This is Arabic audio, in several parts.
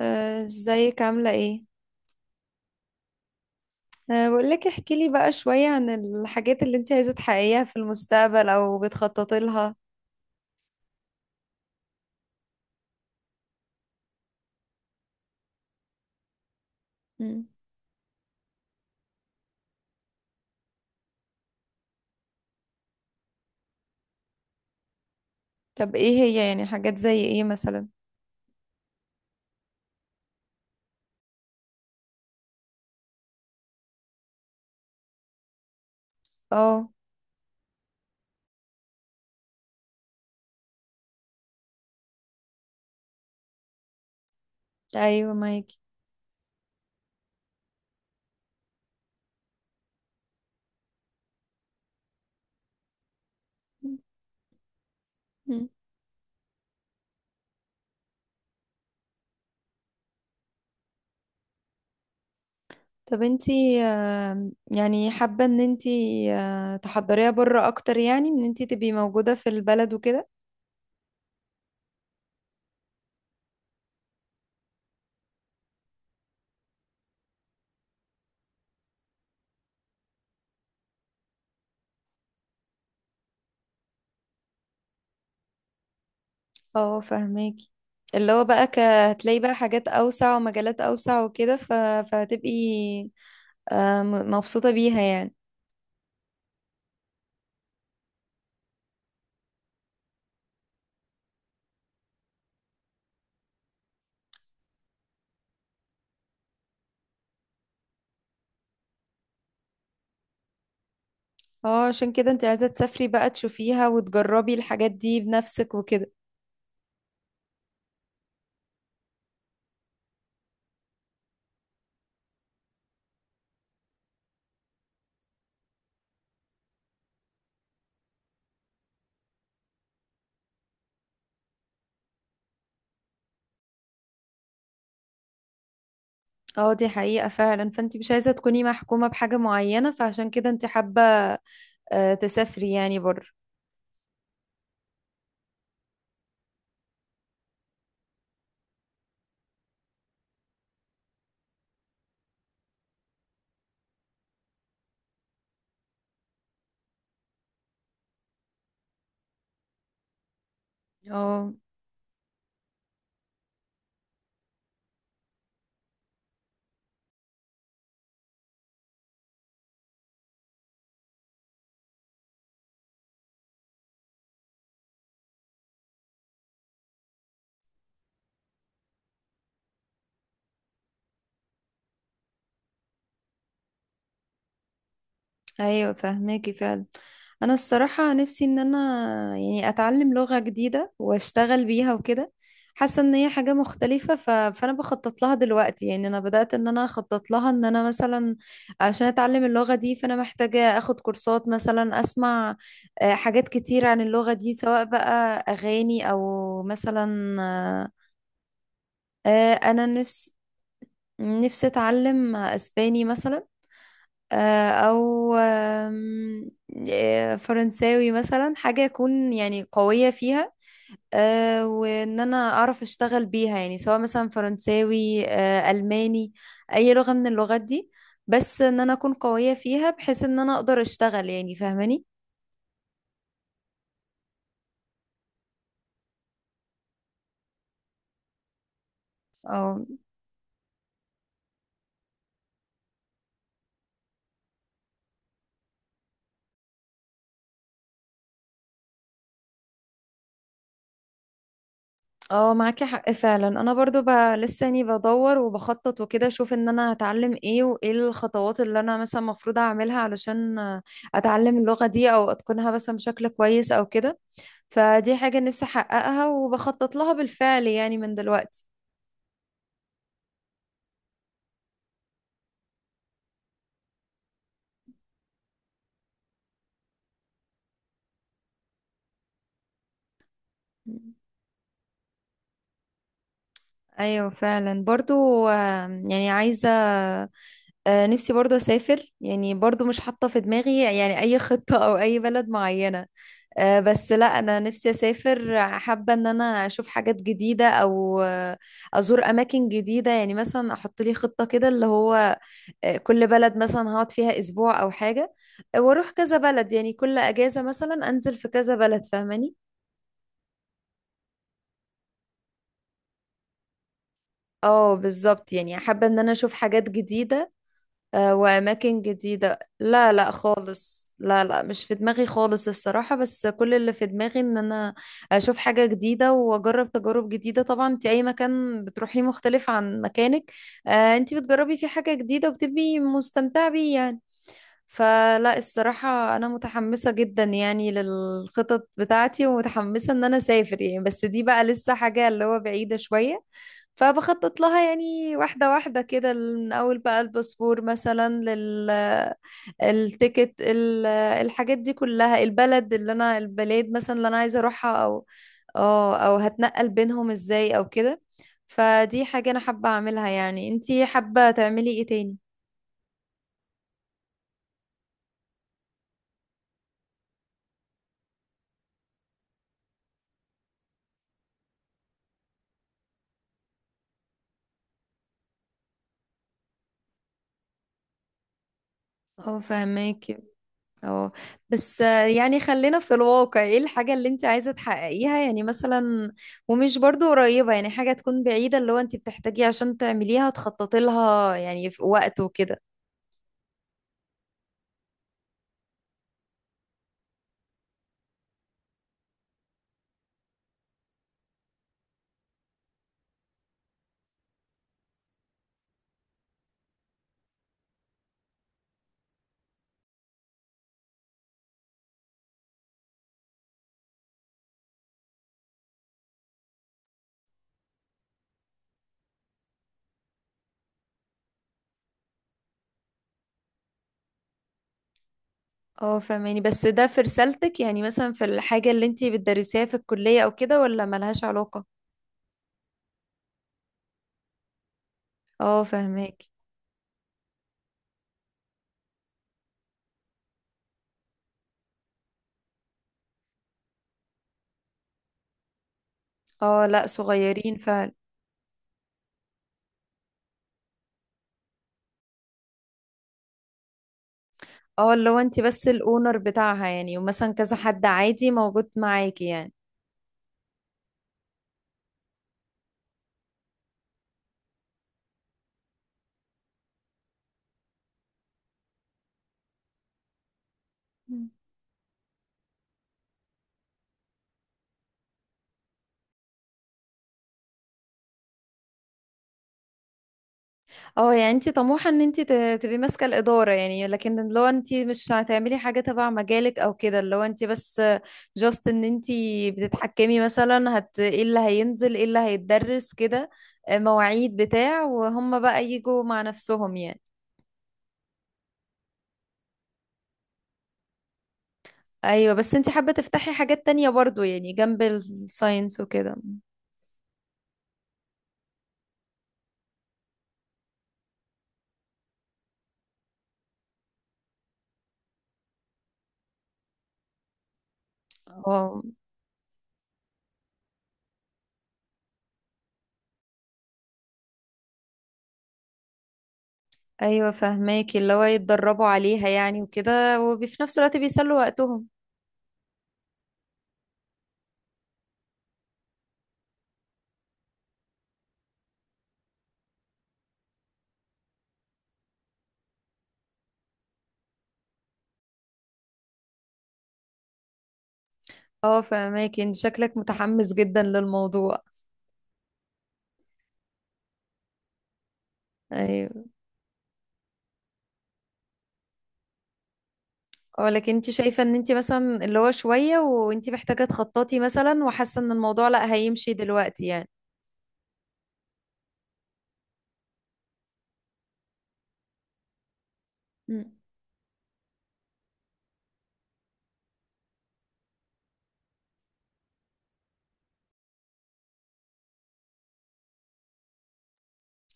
ازيك عاملة ايه؟ بقولك احكي لي بقى شوية عن الحاجات اللي انت عايزة تحققيها في المستقبل او بتخططي لها. مم. طب ايه هي يعني حاجات زي ايه مثلا؟ اه، ايوه معاكي. مم. طب انتي يعني حابة ان انتي تحضريها بره اكتر يعني ان انتي تبقي موجودة في البلد وكده؟ اه، فهماكي. اللي هو بقى هتلاقي بقى حاجات اوسع ومجالات اوسع وكده فهتبقي مبسوطة بيها يعني. اه، عشان كده انت عايزة تسافري بقى تشوفيها وتجربي الحاجات دي بنفسك وكده. اه، دي حقيقة فعلا، فانت مش عايزة تكوني محكومة بحاجة معينة، فعشان كده انت حابة تسافري يعني بره. اه، ايوه فهماكي فعلا. انا الصراحه نفسي ان انا يعني اتعلم لغه جديده واشتغل بيها وكده. حاسه ان هي حاجه مختلفه، فانا بخطط لها دلوقتي يعني. انا بدات ان انا اخطط لها ان انا مثلا عشان اتعلم اللغه دي، فانا محتاجه اخد كورسات، مثلا اسمع حاجات كتير عن اللغه دي سواء بقى اغاني او مثلا آه، انا نفسي اتعلم اسباني مثلا، او فرنساوي مثلا، حاجة اكون يعني قوية فيها، وان انا اعرف اشتغل بيها يعني، سواء مثلا فرنساوي الماني، اي لغة من اللغات دي، بس ان انا اكون قوية فيها بحيث ان انا اقدر اشتغل يعني فاهماني. اه اه، معاكي حق فعلا. انا برضو لساني بدور وبخطط وكده، اشوف ان انا هتعلم ايه وايه الخطوات اللي انا مثلا المفروض اعملها علشان اتعلم اللغة دي او اتقنها مثلا بشكل كويس او كده. فدي حاجة نفسي احققها وبخطط لها بالفعل يعني من دلوقتي. ايوه فعلا برضو، يعني عايزة نفسي برضو أسافر يعني. برضو مش حاطة في دماغي يعني أي خطة أو أي بلد معينة، بس لا، أنا نفسي أسافر، حابة إن أنا أشوف حاجات جديدة أو أزور أماكن جديدة. يعني مثلا أحط لي خطة كده، اللي هو كل بلد مثلا هقعد فيها أسبوع أو حاجة، وأروح كذا بلد. يعني كل أجازة مثلا أنزل في كذا بلد، فاهماني؟ اه بالظبط، يعني حابة ان انا اشوف حاجات جديدة وأماكن جديدة. لا لا خالص، لا لا مش في دماغي خالص الصراحة. بس كل اللي في دماغي إن أنا أشوف حاجة جديدة وأجرب تجارب جديدة. طبعا أنت أي مكان بتروحيه مختلف عن مكانك، أنت بتجربي فيه حاجة جديدة وبتبقي مستمتعة بيه يعني. فلا، الصراحة أنا متحمسة جدا يعني للخطط بتاعتي، ومتحمسة إن أنا أسافر يعني، بس دي بقى لسه حاجة اللي هو بعيدة شوية. فبخطط لها يعني واحدة واحدة كده، من أول بقى الباسبور مثلا، التيكت، الحاجات دي كلها، البلد اللي أنا البلاد مثلا اللي أنا عايزة أروحها، أو أو هتنقل بينهم إزاي أو كده. فدي حاجة أنا حابة أعملها يعني. أنتي حابة تعملي إيه تاني؟ اه، فهماك. اه، بس يعني خلينا في الواقع، ايه الحاجة اللي انت عايزة تحققيها يعني، مثلا ومش برضو قريبة، يعني حاجة تكون بعيدة اللي هو انت بتحتاجيه عشان تعمليها تخططي لها يعني في وقت وكده. اه، فاهماني، بس ده في رسالتك يعني، مثلا في الحاجة اللي انت بتدرسيها في الكلية او كده، ولا ملهاش علاقة؟ اه، فاهماك. اه، لا صغيرين فعلا. اه، اللي هو انت بس الاونر بتاعها يعني، ومثلا كذا حد عادي موجود معاكي يعني. اه، يعني انت طموحة ان انت تبقي ماسكة الإدارة يعني. لكن لو انت مش هتعملي حاجة تبع مجالك او كده، لو انت بس جاست ان انت بتتحكمي مثلا، ايه اللي هينزل ايه اللي هيتدرس كده، مواعيد بتاع، وهم بقى يجوا مع نفسهم يعني. ايوه، بس انت حابة تفتحي حاجات تانية برضو يعني جنب الساينس وكده. اه، ايوه فهماكي، اللي هو يتدربوا عليها يعني وكده، وفي نفس الوقت بيسلوا وقتهم. اه، فهماكي، انت شكلك متحمس جدا للموضوع. ايوه. اه، لكن انت شايفة ان انت مثلا اللي هو شوية وانت محتاجة تخططي مثلا، وحاسة ان الموضوع لا هيمشي دلوقتي يعني. مم.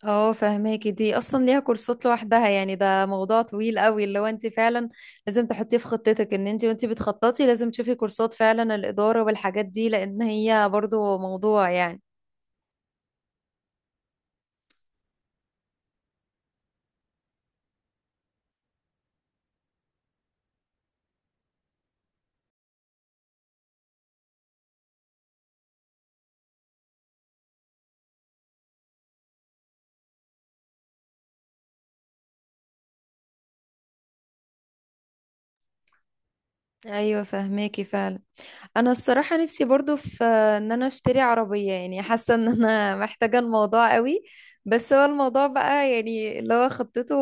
اه، فهماكي، دي اصلا ليها كورسات لوحدها يعني. ده موضوع طويل قوي اللي هو انت فعلا لازم تحطيه في خطتك. ان انت وانت بتخططي لازم تشوفي كورسات فعلا الإدارة والحاجات دي، لان هي برضو موضوع يعني. ايوه، فهماكي فعلا. انا الصراحه نفسي برضو في ان انا اشتري عربيه يعني، حاسه ان انا محتاجه الموضوع قوي. بس هو الموضوع بقى يعني اللي هو خطته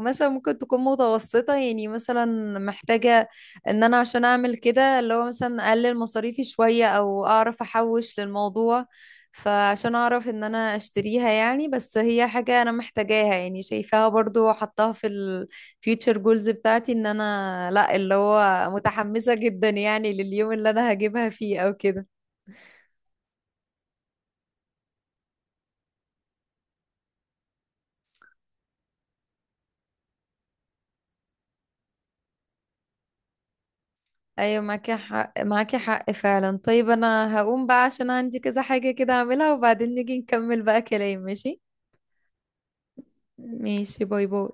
مثلا ممكن تكون متوسطه يعني، مثلا محتاجه ان انا عشان اعمل كده اللي هو مثلا اقلل مصاريفي شويه او اعرف احوش للموضوع، فعشان اعرف ان انا اشتريها يعني. بس هي حاجه انا محتاجاها يعني، شايفاها برضو حطاها في future goals بتاعتي، ان انا لا اللي هو متحمسة جدا يعني لليوم اللي انا هجيبها فيه او كده. ايوه معاكي حق، معاكي حق فعلا. طيب انا هقوم بقى عشان عندي كذا حاجة كده اعملها، وبعدين نيجي نكمل بقى كلام، ماشي؟ ماشي، باي باي.